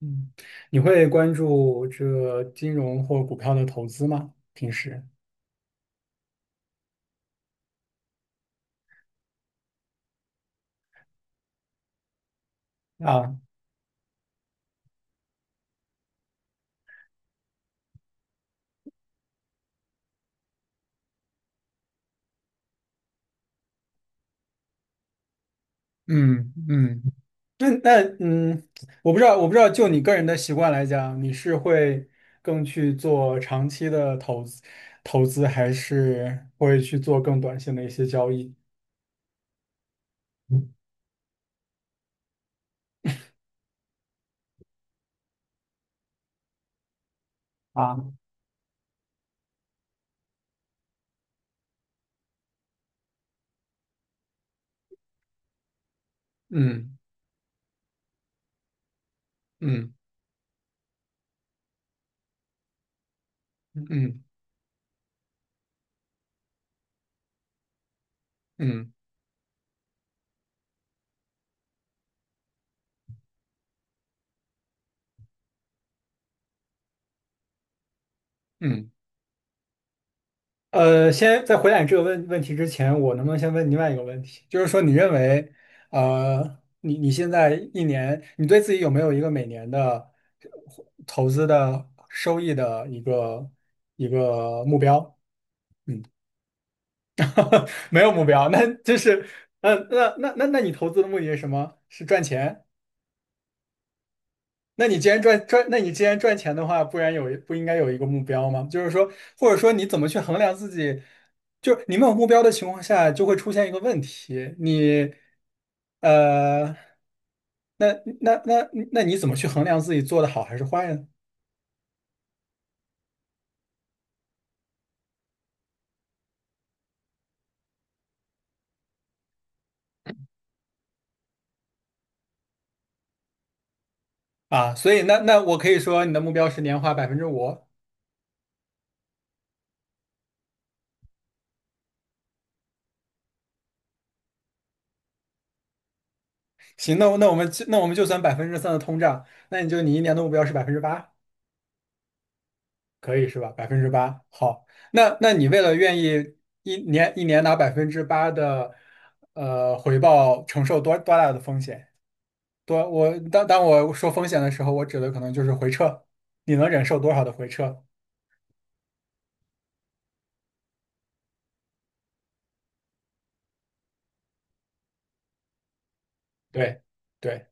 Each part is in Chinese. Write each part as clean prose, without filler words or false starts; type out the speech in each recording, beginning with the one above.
嗯，你会关注这个金融或股票的投资吗？平时啊。嗯嗯。那，我不知道，我不知道，就你个人的习惯来讲，你是会更去做长期的投资，还是会去做更短线的一些交易？啊。嗯嗯嗯嗯嗯嗯。先在回答你这个问题之前，我能不能先问另外一个问题？就是说，你认为，你现在一年，你对自己有没有一个每年的投资的收益的一个目标？没有目标，那就是，那你投资的目的是什么？是赚钱？那你既然赚钱的话，不然不应该有一个目标吗？就是说，或者说你怎么去衡量自己？就是你没有目标的情况下，就会出现一个问题，你，呃，那那你怎么去衡量自己做的好还是坏呢？啊，所以我可以说你的目标是年化5%。行，那我们就算百分之三的通胀，那你一年的目标是百分之八。可以是吧？百分之八。好，那那你为了愿意一年一年拿百分之八的回报，承受多大的风险？多我当当我说风险的时候，我指的可能就是回撤。你能忍受多少的回撤？对对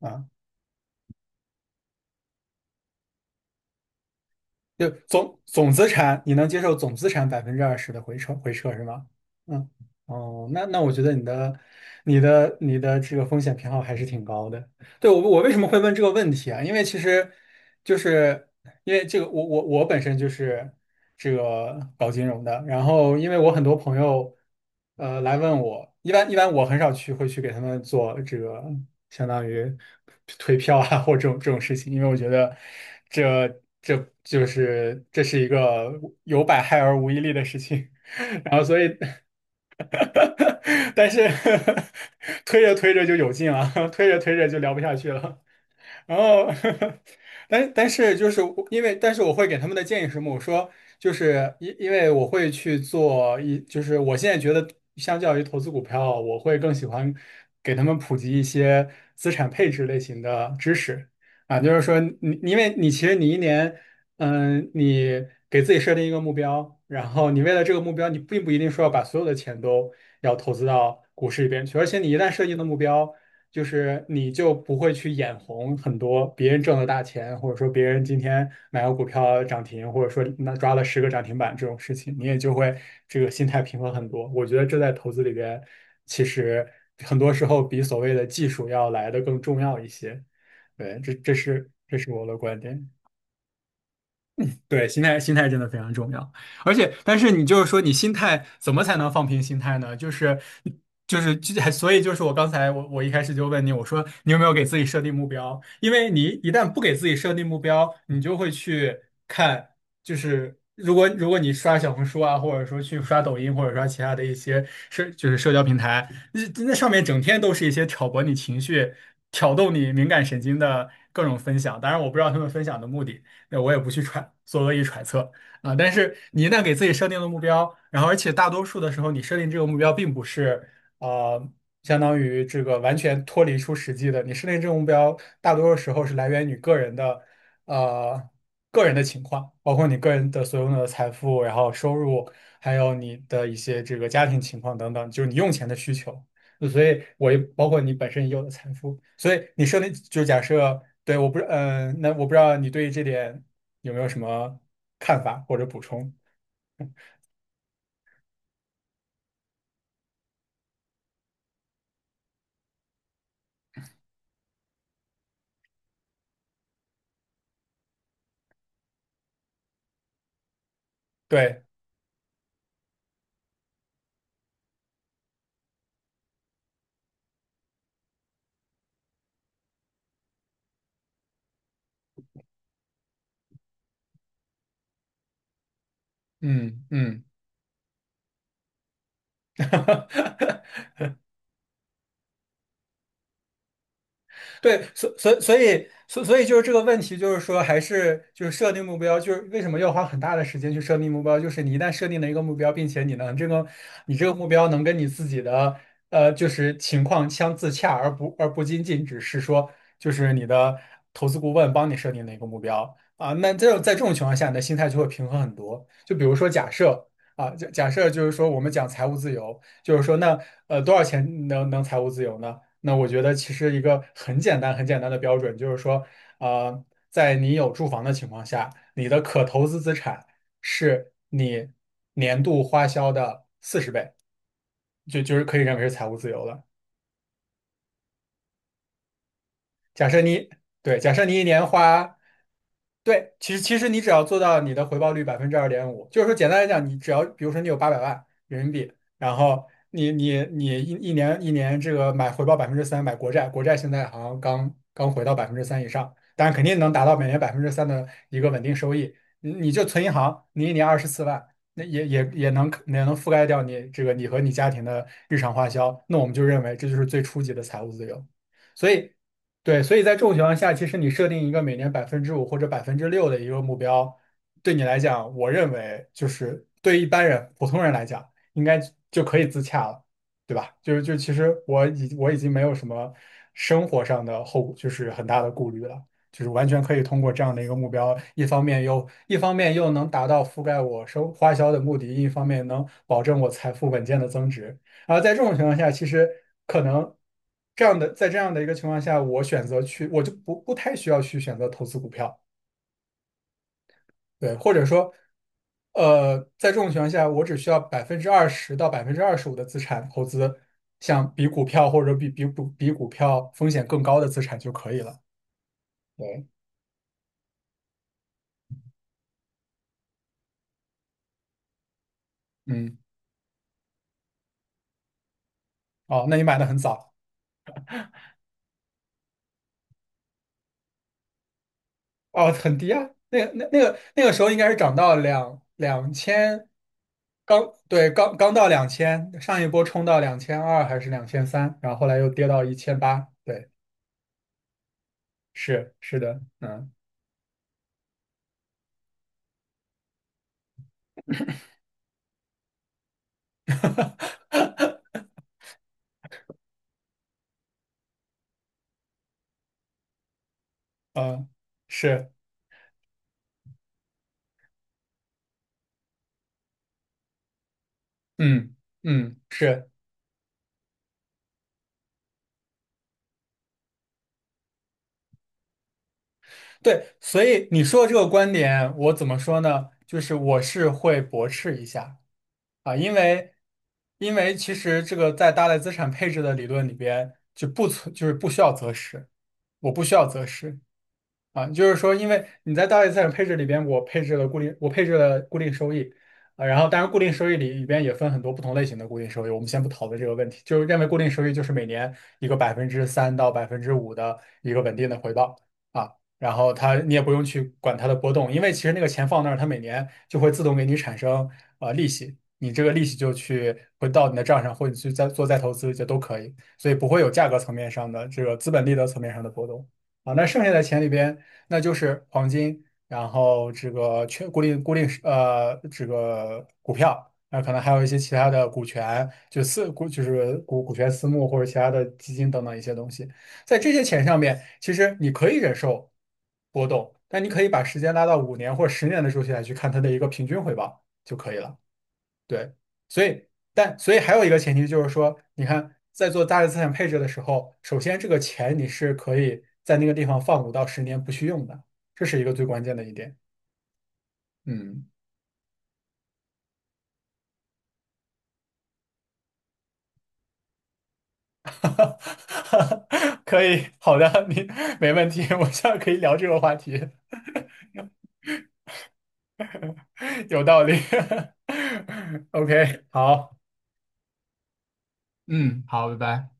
啊，就总资产，你能接受总资产百分之二十的回撤是吗？嗯。哦，那我觉得你的这个风险偏好还是挺高的。对，我为什么会问这个问题啊？因为其实就是因为这个，我本身就是这个搞金融的。然后因为我很多朋友来问我。一般我很少会去给他们做这个相当于推票啊或这种事情。因为我觉得这这这是一个有百害而无一利的事情。然后所以 但是 推着推着就有劲了，推着推着就聊不下去了。然后，但是就是我因为，但是我会给他们的建议是什么？我说就是因因为我会去做一，就是我现在觉得相较于投资股票，我会更喜欢给他们普及一些资产配置类型的知识啊。就是说你因为你其实你一年，你给自己设定一个目标，然后你为了这个目标，你并不一定说要把所有的钱都要投资到股市里边去。而且你一旦设定的目标。就是你就不会去眼红很多别人挣的大钱，或者说别人今天买个股票涨停，或者说那10个涨停板这种事情，你也就会这个心态平和很多。我觉得这在投资里边，其实很多时候比所谓的技术要来的更重要一些。对，这是我的观点。对，心态心态真的非常重要。而且，但是你就是说，你心态怎么才能放平心态呢？就是就是就所以就是我刚才我我一开始就问你，我说你有没有给自己设定目标？因为你一旦不给自己设定目标，你就会去看。就是如果你刷小红书啊，或者说去刷抖音，或者刷其他的一些社就是社交平台。那上面整天都是一些挑拨你情绪、挑动你敏感神经的各种分享。当然，我不知道他们分享的目的。那我也不去做恶意揣测啊。但是你一旦给自己设定了目标，然后而且大多数的时候，你设定这个目标并不是呃，相当于这个完全脱离出实际的。你设定这个目标，大多数时候是来源于呃个人的情况，包括你个人的所拥有的财富，然后收入，还有你的一些这个家庭情况等等，就是你用钱的需求。所以我也包括你本身已有的财富，所以你设定就假设，对，我不知，嗯、那我不知道你对于这点有没有什么看法或者补充？对，嗯嗯，对，所以就是这个问题，就是说还是就是设定目标，就是为什么要花很大的时间去设定目标？就是你一旦设定了一个目标，并且你这个目标能跟你自己的就是情况相自洽，而不仅仅只是说就是你的投资顾问帮你设定的一个目标啊。那这种在这种情况下，你的心态就会平衡很多。就比如说假设。啊，假设就是说，我们讲财务自由，就是说那，多少钱能财务自由呢？那我觉得其实一个很简单、很简单的标准就是说，呃，在你有住房的情况下，你的可投资资产是你年度花销的40倍，就是可以认为是财务自由了。假设你对，假设你一年花对，其实你只要做到你的回报率2.5%。就是说简单来讲，你只要比如说你有800万人民币，然后你一年一年这个买回报百分之三，买国债。国债现在好像刚刚回到百分之三以上，但是肯定能达到每年百分之三的一个稳定收益。你就存银行，你一年24万，那也能覆盖掉你这个你和你家庭的日常花销。那我们就认为这就是最初级的财务自由。所以对，所以在这种情况下，其实你设定一个每年百分之五或者6%的一个目标，对你来讲，我认为就是对一般人、普通人来讲，应该就可以自洽了。对吧？就是其实我已经没有什么生活上的就是很大的顾虑了。就是完全可以通过这样的一个目标，一方面又能达到覆盖我生花销的目的，一方面能保证我财富稳健的增值。然后在这种情况下，其实可能这样的，在这样的一个情况下，我选择去，我就不太需要去选择投资股票。对，或者说，在这种情况下，我只需要20%到25%的资产投资，像比股票或者比比股比股票风险更高的资产就可以了。对。嗯。哦，那你买的很早。哦，很低啊。那个时候应该是涨到两千。对刚刚到2000，上一波冲到2200还是2300，然后后来又跌到1800。对，是的，嗯。嗯，是，嗯嗯，是对。所以你说的这个观点，我怎么说呢？就是我是会驳斥一下啊。因为其实这个在大类资产配置的理论里边就是不需要择时。我不需要择时。啊，就是说，因为你在大类资产配置里边，我配置了固定收益。啊，然后当然固定收益里边也分很多不同类型的固定收益，我们先不讨论这个问题。就是认为固定收益就是每年一个3%到5%的一个稳定的回报啊。然后它你也不用去管它的波动，因为其实那个钱放那儿，它每年就会自动给你产生利息。你这个利息就去回到你的账上，或者去再投资就都可以。所以不会有价格层面上的这个资本利得层面上的波动。啊，那剩下的钱里边，那就是黄金，然后这个全固定固定呃这个股票，那可能还有一些其他的股权，就是股权私募或者其他的基金等等一些东西。在这些钱上面，其实你可以忍受波动，但你可以把时间拉到5年或者10年的周期来去看它的一个平均回报就可以了。对，所以所以还有一个前提就是说，你看在做大额资产配置的时候，首先这个钱你是可以在那个地方放5到10年不去用的。这是一个最关键的一点。嗯，可以，好的。你没问题，我现在可以聊这个话题。有道理。OK，好，嗯，好，拜拜。